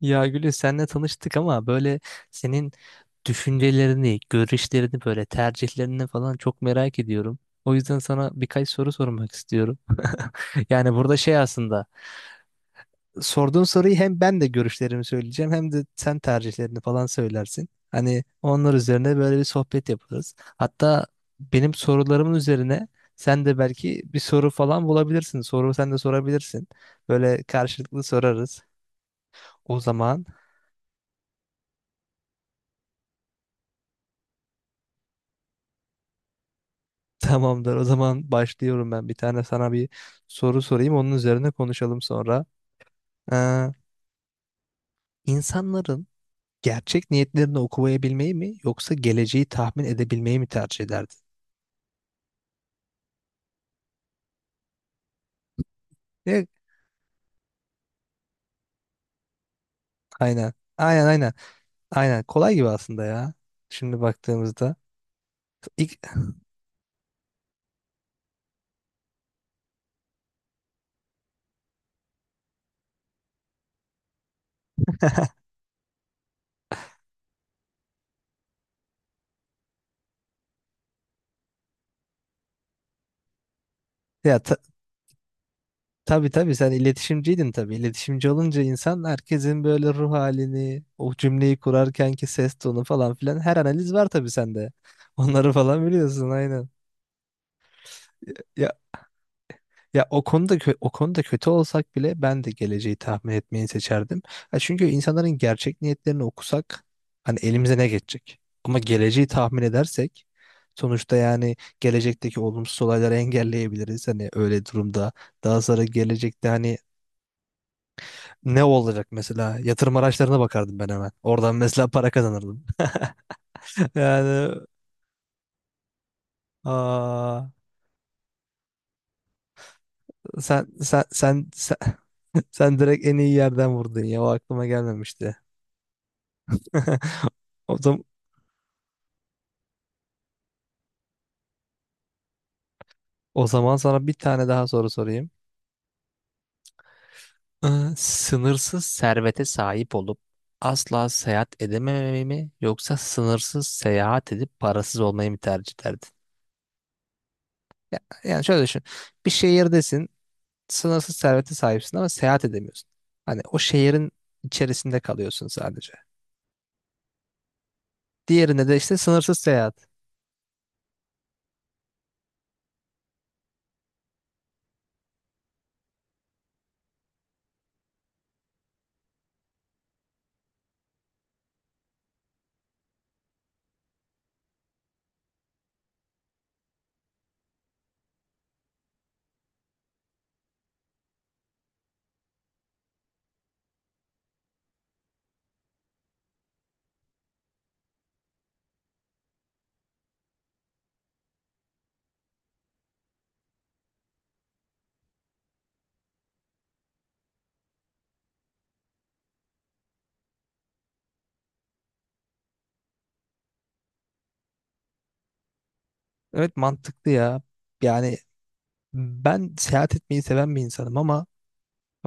Ya Gülü, senle tanıştık ama böyle senin düşüncelerini, görüşlerini, böyle tercihlerini falan çok merak ediyorum. O yüzden sana birkaç soru sormak istiyorum. Yani burada şey aslında, sorduğun soruyu hem ben de görüşlerimi söyleyeceğim hem de sen tercihlerini falan söylersin. Hani onlar üzerine böyle bir sohbet yaparız. Hatta benim sorularımın üzerine sen de belki bir soru falan bulabilirsin. Soru sen de sorabilirsin. Böyle karşılıklı sorarız. O zaman tamamdır. O zaman başlıyorum ben. Bir tane sana bir soru sorayım. Onun üzerine konuşalım sonra. Ee, insanların gerçek niyetlerini okuyabilmeyi mi yoksa geleceği tahmin edebilmeyi mi tercih ederdin? E, aynen. Aynen. Aynen. Kolay gibi aslında ya. Şimdi baktığımızda. İlk, ya ta, tabii tabii, sen iletişimciydin tabii. İletişimci olunca insan herkesin böyle ruh halini, o cümleyi kurarkenki ses tonu falan filan, her analiz var tabii sende. Onları falan biliyorsun, aynen. Ya Ya o konuda o konuda kötü olsak bile ben de geleceği tahmin etmeyi seçerdim. Ya çünkü insanların gerçek niyetlerini okusak hani elimize ne geçecek? Ama geleceği tahmin edersek sonuçta, yani gelecekteki olumsuz olayları engelleyebiliriz. Hani öyle durumda daha sonra gelecekte hani ne olacak, mesela yatırım araçlarına bakardım ben hemen. Oradan mesela para kazanırdım. Yani aa, sen sen sen sen, sen direkt en iyi yerden vurdun ya, o aklıma gelmemişti. O zaman, o zaman sana bir tane daha soru sorayım. Ee, Sınırsız servete sahip olup asla seyahat edememeyi mi yoksa sınırsız seyahat edip parasız olmayı mı tercih ederdin? Yani şöyle düşün. Bir şehirdesin, sınırsız servete sahipsin ama seyahat edemiyorsun. Hani o şehrin içerisinde kalıyorsun sadece. Diğerinde de işte sınırsız seyahat. Evet, mantıklı ya. Yani ben seyahat etmeyi seven bir insanım ama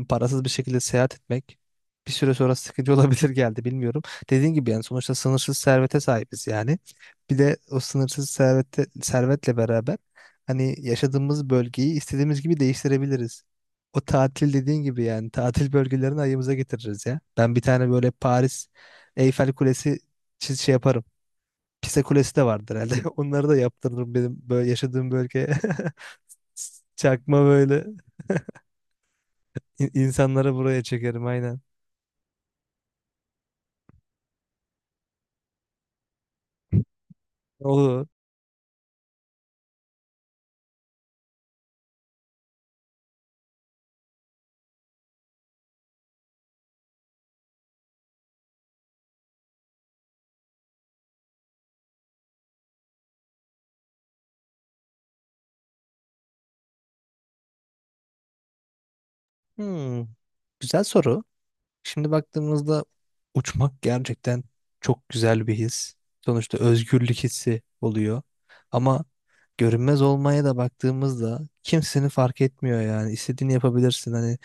parasız bir şekilde seyahat etmek bir süre sonra sıkıcı olabilir geldi, bilmiyorum. Dediğim gibi, yani sonuçta sınırsız servete sahibiz yani. Bir de o sınırsız servetle beraber hani yaşadığımız bölgeyi istediğimiz gibi değiştirebiliriz. O tatil dediğin gibi, yani tatil bölgelerini ayımıza getiririz ya. Ben bir tane böyle Paris Eyfel Kulesi çiz şey yaparım. Pisa Kulesi de vardır herhalde. Onları da yaptırırım benim böyle yaşadığım bölgeye. Çakma böyle insanları buraya çekerim, aynen. Olur. Hmm, güzel soru. Şimdi baktığımızda uçmak gerçekten çok güzel bir his. Sonuçta özgürlük hissi oluyor. Ama görünmez olmaya da baktığımızda kimsenin fark etmiyor yani. İstediğini yapabilirsin, hani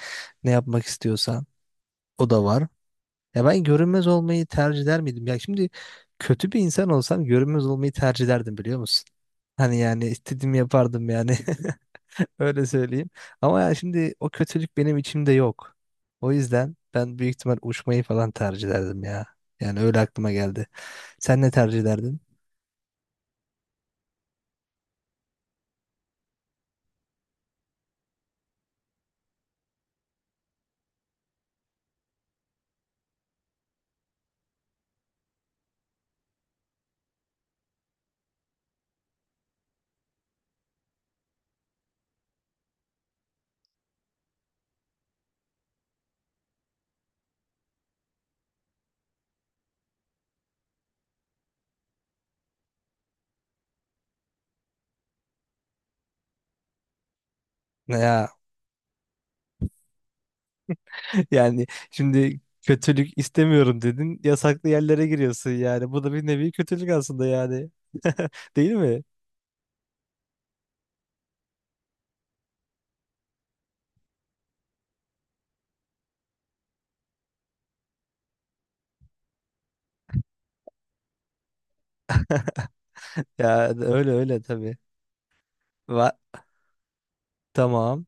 ne yapmak istiyorsan o da var. Ya ben görünmez olmayı tercih eder miydim? Ya şimdi kötü bir insan olsam görünmez olmayı tercih ederdim, biliyor musun? Hani yani istediğimi yapardım yani. Öyle söyleyeyim. Ama ya şimdi o kötülük benim içimde yok. O yüzden ben büyük ihtimal uçmayı falan tercih ederdim ya. Yani öyle aklıma geldi. Sen ne tercih ederdin? Ne ya, yani şimdi kötülük istemiyorum dedin. Yasaklı yerlere giriyorsun yani. Bu da bir nevi kötülük aslında yani. Değil mi? Ya öyle öyle tabii. Va tamam.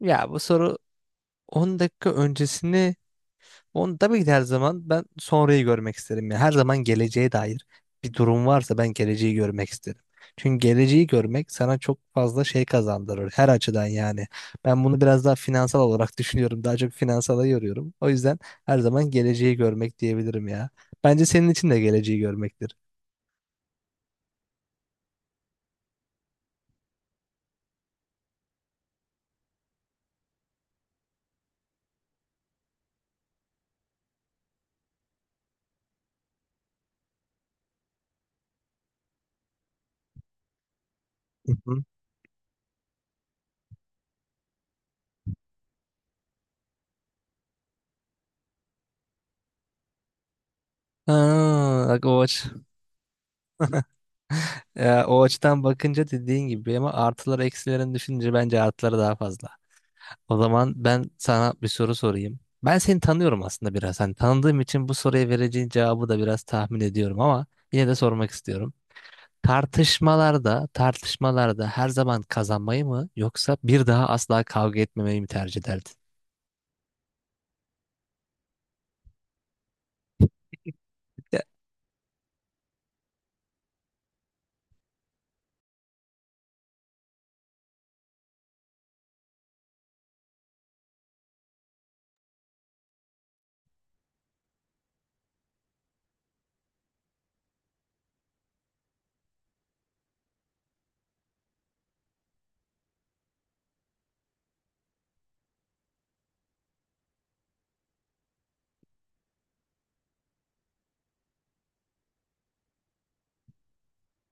Ya bu soru, 10 dakika öncesini, onu tabii ki de. Her zaman ben sonrayı görmek isterim. Yani her zaman geleceğe dair bir durum varsa ben geleceği görmek isterim. Çünkü geleceği görmek sana çok fazla şey kazandırır her açıdan yani. Ben bunu biraz daha finansal olarak düşünüyorum. Daha çok finansala yoruyorum. O yüzden her zaman geleceği görmek diyebilirim ya. Bence senin için de geleceği görmektir. Hı hı. Aa, bak o aç. Ya, o açıdan bakınca dediğin gibi ama artıları eksilerini düşününce bence artıları daha fazla. O zaman ben sana bir soru sorayım. Ben seni tanıyorum aslında biraz. Hani tanıdığım için bu soruya vereceğin cevabı da biraz tahmin ediyorum ama yine de sormak istiyorum. Tartışmalarda her zaman kazanmayı mı yoksa bir daha asla kavga etmemeyi mi tercih ederdin?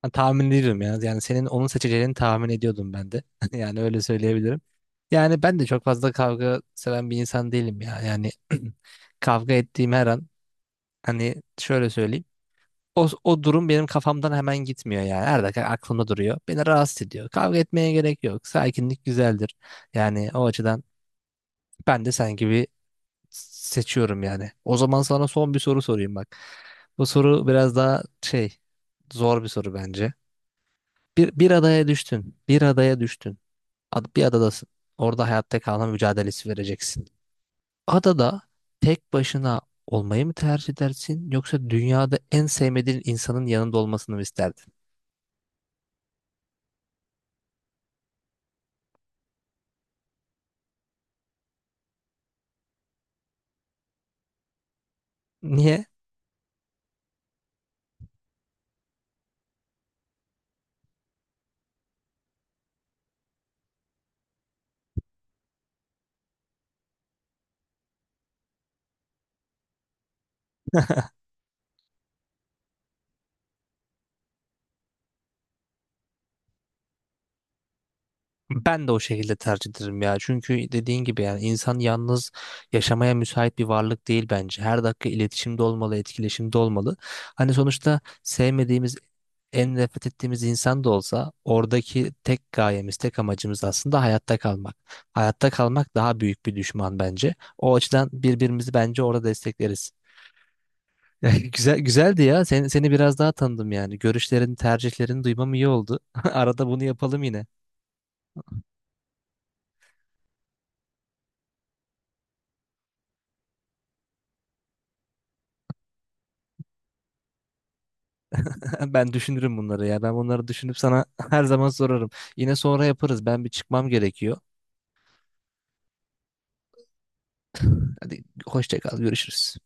Ya, tahmin ediyorum ya. Yani senin onun seçeceğini tahmin ediyordum ben de. Yani öyle söyleyebilirim. Yani ben de çok fazla kavga seven bir insan değilim ya. Yani kavga ettiğim her an, hani şöyle söyleyeyim. O, o durum benim kafamdan hemen gitmiyor yani. Her dakika aklımda duruyor. Beni rahatsız ediyor. Kavga etmeye gerek yok. Sakinlik güzeldir. Yani o açıdan ben de sen gibi seçiyorum yani. O zaman sana son bir soru sorayım bak. Bu soru biraz daha şey, zor bir soru bence. Bir adaya düştün. Bir adaya düştün. Bir adadasın. Orada hayatta kalma mücadelesi vereceksin. Adada tek başına olmayı mı tercih edersin yoksa dünyada en sevmediğin insanın yanında olmasını mı isterdin? Niye? Ben de o şekilde tercih ederim ya. Çünkü dediğin gibi, yani insan yalnız yaşamaya müsait bir varlık değil bence. Her dakika iletişimde olmalı, etkileşimde olmalı. Hani sonuçta sevmediğimiz, en nefret ettiğimiz insan da olsa oradaki tek gayemiz, tek amacımız aslında hayatta kalmak. Hayatta kalmak daha büyük bir düşman bence. O açıdan birbirimizi bence orada destekleriz. Ya, güzel güzeldi ya. Seni biraz daha tanıdım yani. Görüşlerini, tercihlerini duymam iyi oldu. Arada bunu yapalım yine. Ben düşünürüm bunları ya. Ben bunları düşünüp sana her zaman sorarım. Yine sonra yaparız. Ben bir çıkmam gerekiyor. Hadi hoşça kal, görüşürüz.